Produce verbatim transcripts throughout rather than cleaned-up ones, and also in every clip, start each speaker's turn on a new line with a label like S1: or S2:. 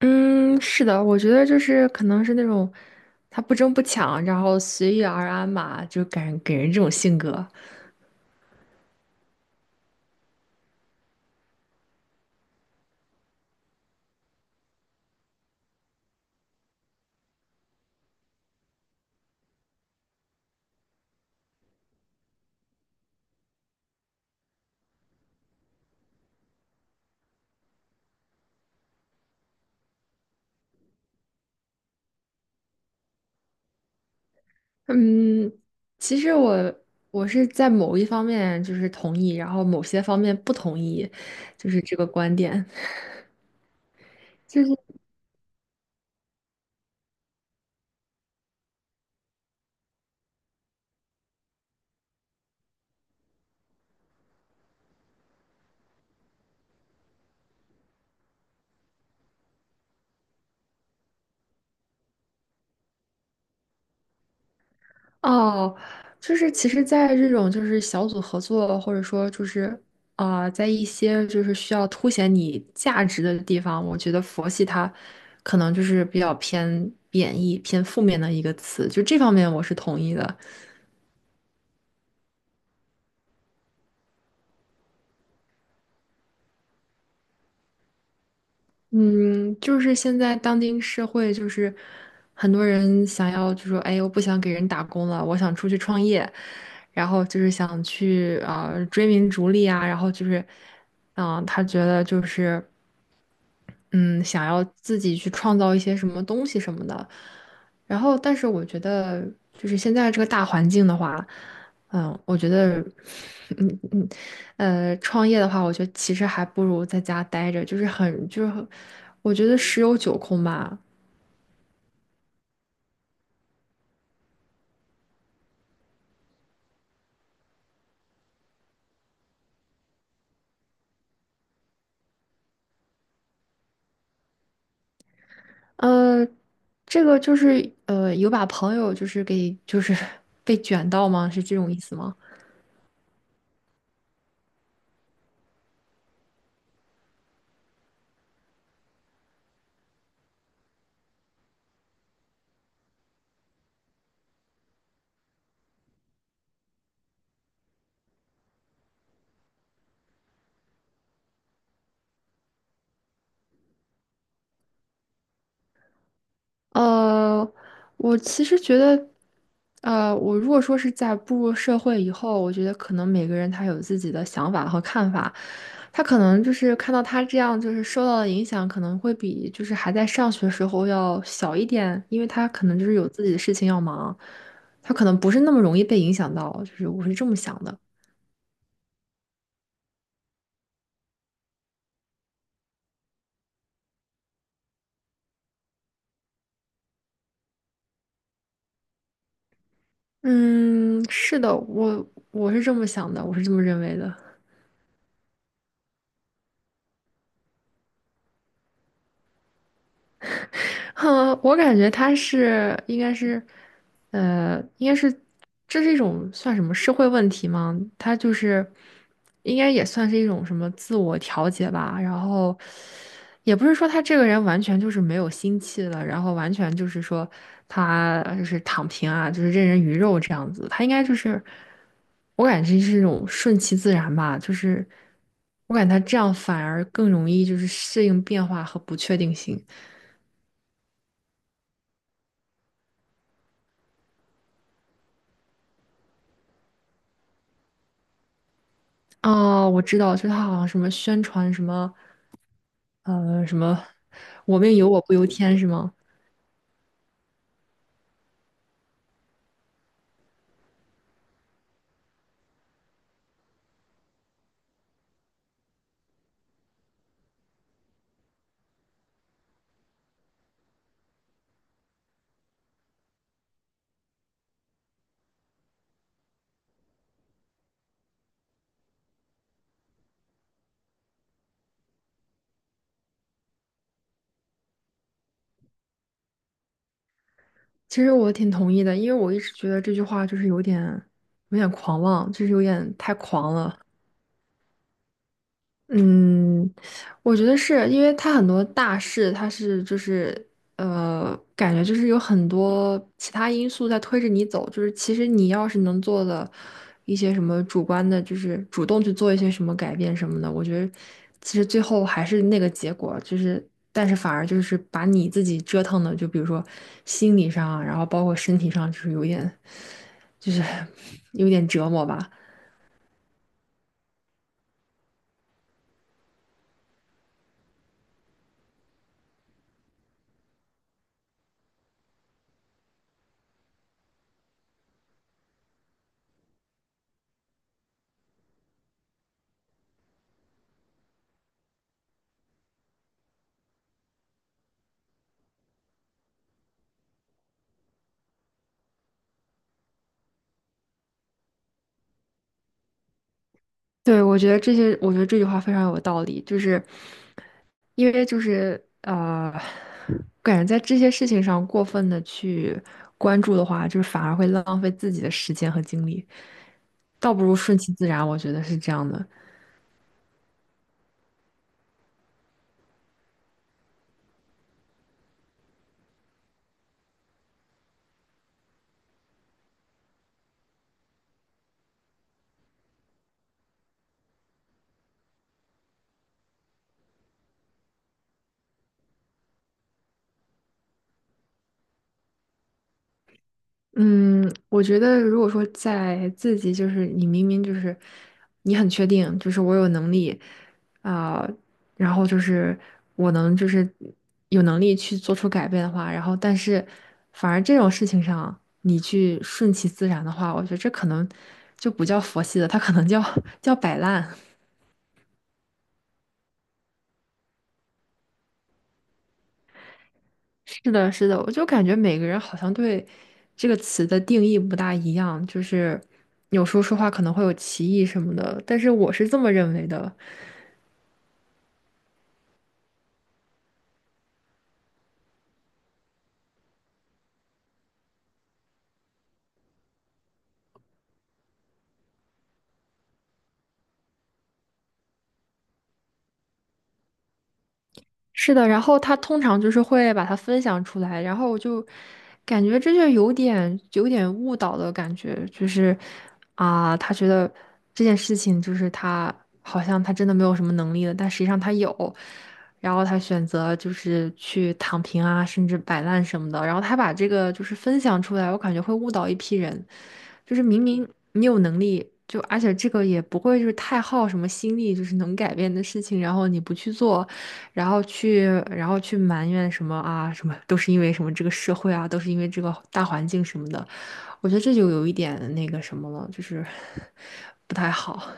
S1: 嗯，是的，我觉得就是可能是那种他不争不抢，然后随遇而安嘛，就感给人这种性格。嗯，其实我我是在某一方面就是同意，然后某些方面不同意，就是这个观点。就是哦，就是其实，在这种就是小组合作，或者说就是啊、呃在一些就是需要凸显你价值的地方，我觉得佛系它可能就是比较偏贬义、偏负面的一个词，就这方面我是同意的。嗯，就是现在当今社会，就是很多人想要就说，哎，我不想给人打工了，我想出去创业，然后就是想去啊、呃追名逐利啊，然后就是，嗯、他觉得就是。嗯，想要自己去创造一些什么东西什么的。然后，但是我觉得，就是现在这个大环境的话，嗯，我觉得，嗯嗯，呃，创业的话，我觉得其实还不如在家待着，就是很，就是很我觉得十有九空吧。呃，这个就是，呃，有把朋友就是给，就是 被卷到吗？是这种意思吗？呃，我其实觉得，呃，我如果说是在步入社会以后，我觉得可能每个人他有自己的想法和看法，他可能就是看到他这样，就是受到的影响可能会比就是还在上学时候要小一点，因为他可能就是有自己的事情要忙，他可能不是那么容易被影响到，就是我是这么想的。嗯，是的，我我是这么想的，我是这么认为的。哼，我感觉他是应该是，呃，应该是这是一种算什么社会问题吗？他就是应该也算是一种什么自我调节吧。然后也不是说他这个人完全就是没有心气了，然后完全就是说他就是躺平啊，就是任人鱼肉这样子。他应该就是我感觉是一种顺其自然吧，就是我感觉他这样反而更容易就是适应变化和不确定性。哦，我知道，就他好像什么宣传什么，呃，什么"我命由我不由天"是吗？其实我挺同意的，因为我一直觉得这句话就是有点有点狂妄，就是有点太狂了。嗯，我觉得是因为它很多大事，它是就是呃，感觉就是有很多其他因素在推着你走，就是其实你要是能做的一些什么主观的，就是主动去做一些什么改变什么的，我觉得其实最后还是那个结果，就是但是反而就是把你自己折腾的，就比如说心理上啊，然后包括身体上，就是有点就是 有点折磨吧。对，我觉得这些，我觉得这句话非常有道理，就是因为就是呃，感觉在这些事情上过分的去关注的话，就是反而会浪费自己的时间和精力，倒不如顺其自然，我觉得是这样的。嗯，我觉得如果说在自己就是你明明就是你很确定，就是我有能力啊、然后就是我能就是有能力去做出改变的话，然后但是反而这种事情上你去顺其自然的话，我觉得这可能就不叫佛系的，它可能叫 叫摆烂。是的，是的，我就感觉每个人好像对这个词的定义不大一样，就是有时候说话可能会有歧义什么的，但是我是这么认为的。是的，然后他通常就是会把它分享出来，然后我就感觉这就有点有点误导的感觉，就是啊，他觉得这件事情就是他好像他真的没有什么能力了，但实际上他有。然后他选择就是去躺平啊，甚至摆烂什么的。然后他把这个就是分享出来，我感觉会误导一批人。就是明明你有能力，就而且这个也不会就是太耗什么心力，就是能改变的事情，然后你不去做，然后去然后去埋怨什么啊什么，都是因为什么这个社会啊，都是因为这个大环境什么的。我觉得这就有一点那个什么了，就是 不太好。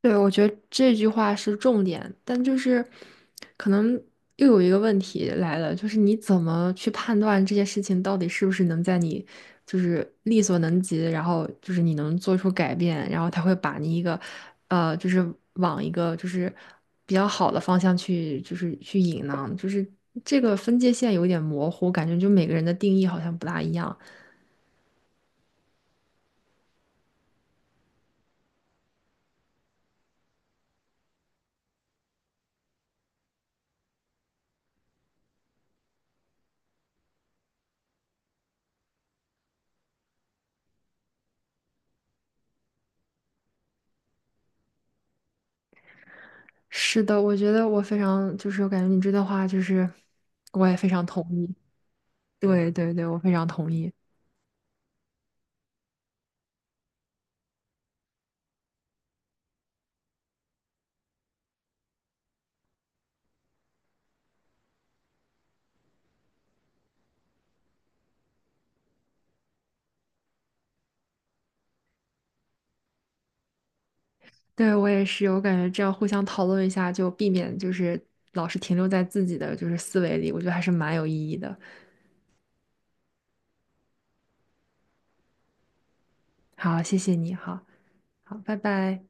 S1: 对，我觉得这句话是重点，但就是可能又有一个问题来了，就是你怎么去判断这件事情到底是不是能在你就是力所能及，然后就是你能做出改变，然后他会把你一个呃，就是往一个就是比较好的方向去，就是去引呢，就是这个分界线有点模糊，感觉就每个人的定义好像不大一样。是的，我觉得我非常就是我感觉你这段话就是我也非常同意。对对对，我非常同意。对，我也是，我感觉这样互相讨论一下，就避免就是老是停留在自己的就是思维里，我觉得还是蛮有意义的。好，谢谢你，好好，拜拜。